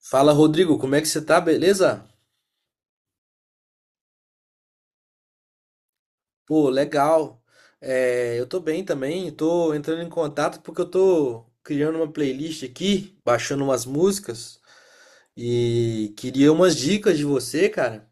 Fala, Rodrigo, como é que você tá? Beleza? Pô, legal. É, eu tô bem também, tô entrando em contato porque eu tô criando uma playlist aqui, baixando umas músicas e queria umas dicas de você, cara.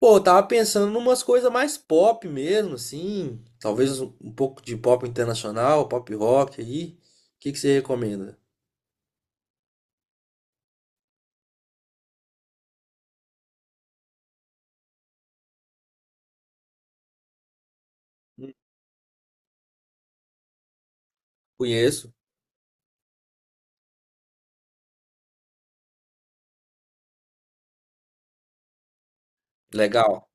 Pô, eu tava pensando em umas coisas mais pop mesmo, assim, talvez um pouco de pop internacional, pop rock aí. O que que você recomenda? Hum, Conheço. Legal.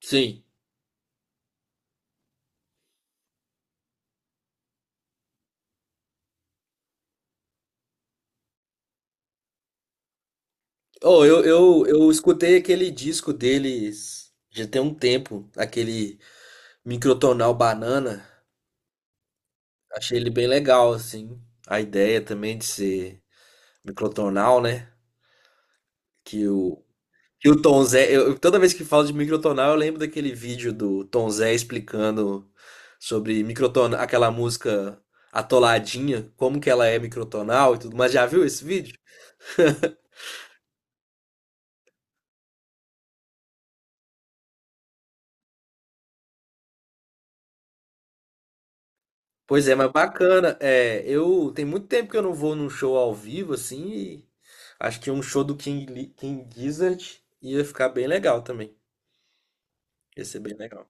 Sim. Oh, eu escutei aquele disco deles já tem um tempo, aquele Microtonal Banana. Achei ele bem legal, assim. A ideia também de ser microtonal, né? Que o, que o Tom Zé. Toda vez que falo de microtonal, eu lembro daquele vídeo do Tom Zé explicando sobre microtonal, aquela música Atoladinha, como que ela é microtonal e tudo. Mas já viu esse vídeo? Pois é, mas bacana. É, eu tem muito tempo que eu não vou num show ao vivo assim, e acho que um show do King Gizzard ia ficar bem legal também. Ia ser bem legal.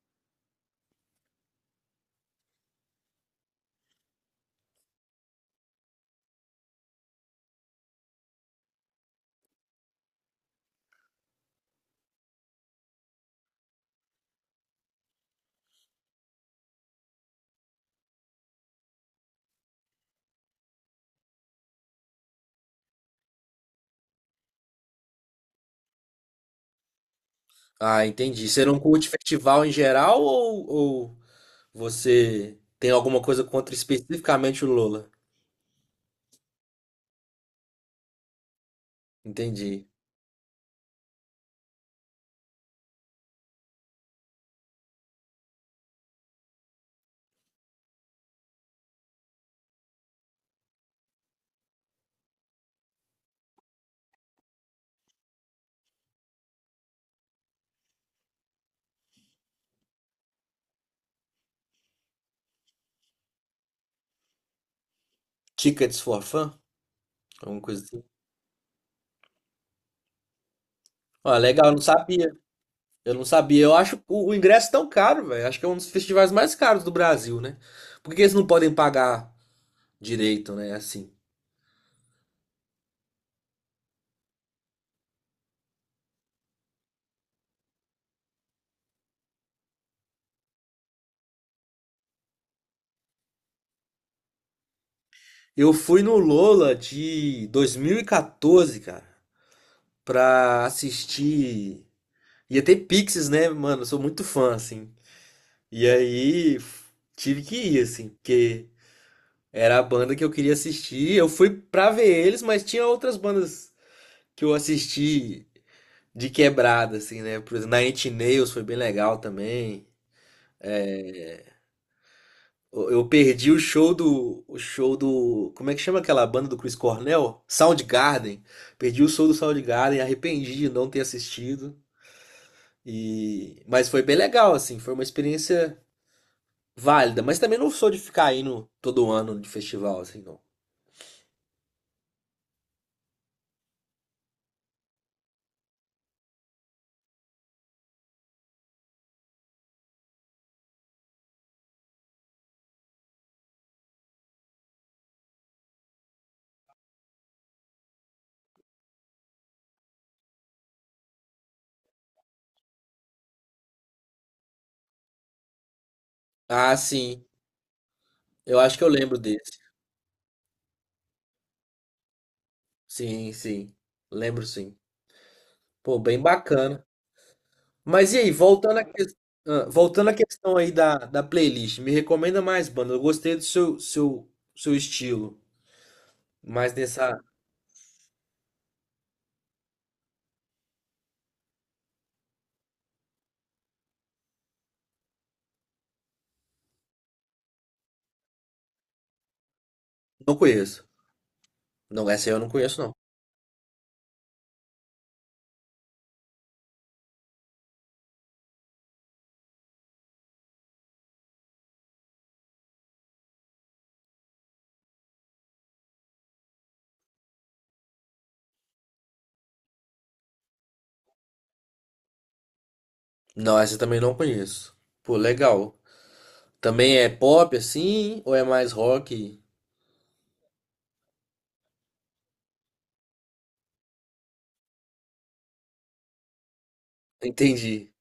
Ah, entendi. Você não curte festival em geral ou você tem alguma coisa contra especificamente o Lola? Entendi. Tickets for Fun? Alguma coisa assim. Ah, legal, eu não sabia. Eu não sabia. Eu acho o ingresso tão caro, velho. Acho que é um dos festivais mais caros do Brasil, né? Por que eles não podem pagar direito, né? Assim. Eu fui no Lola de 2014, cara, pra assistir. Ia ter Pixies, né, mano? Eu sou muito fã, assim. E aí f- Tive que ir, assim, porque era a banda que eu queria assistir. Eu fui pra ver eles, mas tinha outras bandas que eu assisti de quebrada, assim, né? Por exemplo, Nine Inch Nails foi bem legal também. Eu perdi o show do. O show do. Como é que chama aquela banda do Chris Cornell? Soundgarden. Perdi o show do Soundgarden, arrependi de não ter assistido. E... mas foi bem legal, assim, foi uma experiência válida. Mas também não sou de ficar indo todo ano de festival, assim, não. Ah, sim. Eu acho que eu lembro desse. Sim, sim. Lembro sim. Pô, bem bacana. Mas e aí, voltando à ques- ah, voltando à questão aí da playlist, me recomenda mais banda. Eu gostei do seu estilo. Mas nessa. Não conheço. Não, essa eu não conheço, não. Não, essa eu também não conheço. Pô, legal. Também é pop assim? Ou é mais rock? Entendi.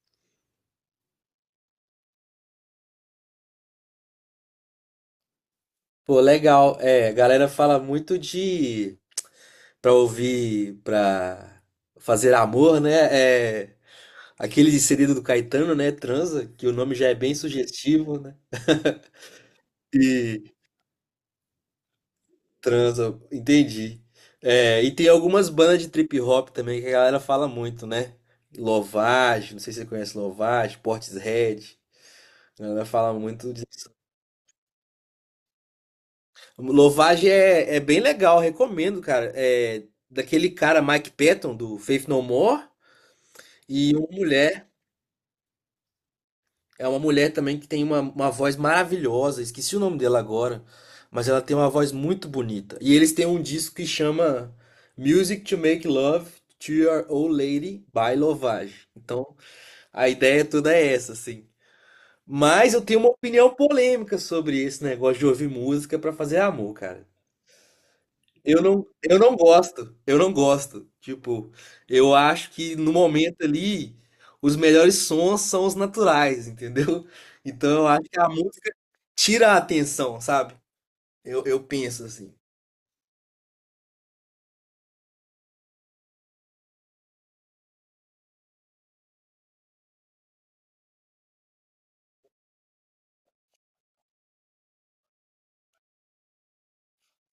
Pô, legal. É, a galera fala muito de. Pra ouvir, pra fazer amor, né? É. Aquele segredo do Caetano, né? Transa, que o nome já é bem sugestivo, né? E Transa, entendi. É, e tem algumas bandas de trip hop também que a galera fala muito, né? Lovage, não sei se você conhece Lovage, Portishead. A galera fala muito de... Lovage é bem legal, recomendo, cara. É daquele cara Mike Patton do Faith No More e uma mulher. É uma mulher também que tem uma voz maravilhosa, esqueci o nome dela agora, mas ela tem uma voz muito bonita. E eles têm um disco que chama Music to Make Love to Your Old Lady by Lovage. Então, a ideia toda é essa, assim. Mas eu tenho uma opinião polêmica sobre esse negócio de ouvir música pra fazer amor, cara. Eu não gosto, eu não gosto. Tipo, eu acho que no momento ali, os melhores sons são os naturais, entendeu? Então eu acho que a música tira a atenção, sabe? Eu penso assim.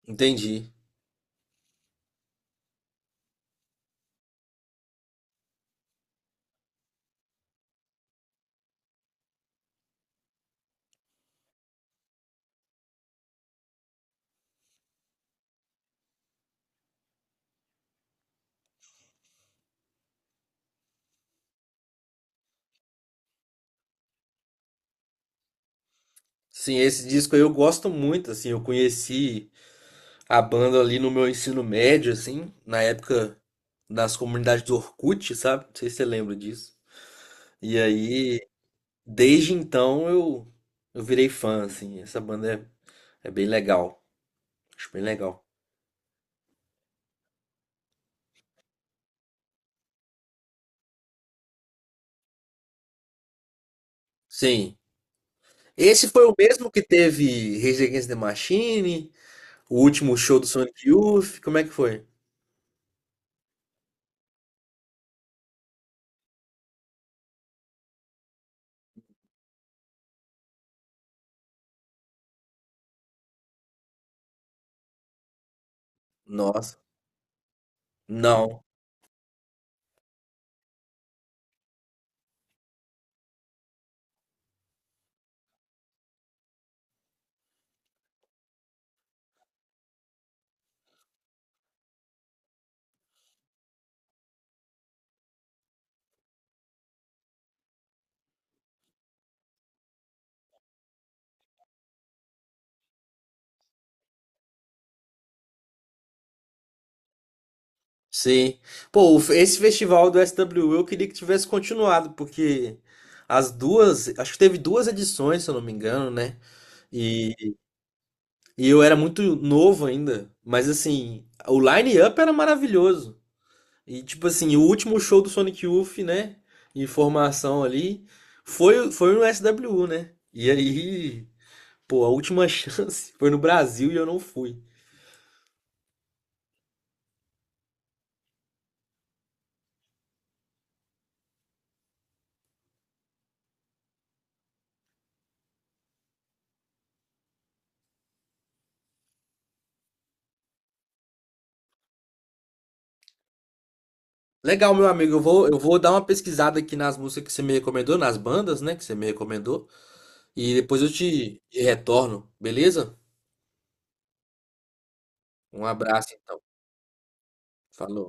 Entendi. Sim, esse disco aí eu gosto muito, assim, eu conheci a banda ali no meu ensino médio, assim, na época das comunidades do Orkut, sabe? Não sei se você lembra disso. E aí, desde então, eu virei fã, assim, essa banda é, é bem legal, acho bem legal. Sim, esse foi o mesmo que teve Rage Against the Machine, o último show do Sonic Youth, como é que foi? Nossa, não. Sim. Pô, esse festival do SWU eu queria que tivesse continuado, porque as duas, acho que teve duas edições, se eu não me engano, né? E, e eu era muito novo ainda, mas assim, o line-up era maravilhoso. E tipo assim, o último show do Sonic Youth, né? Em formação ali, foi no SWU, né? E aí, pô, a última chance foi no Brasil e eu não fui. Legal, meu amigo. Eu vou dar uma pesquisada aqui nas músicas que você me recomendou, nas bandas, né, que você me recomendou, e depois eu te retorno, beleza? Um abraço, então. Falou.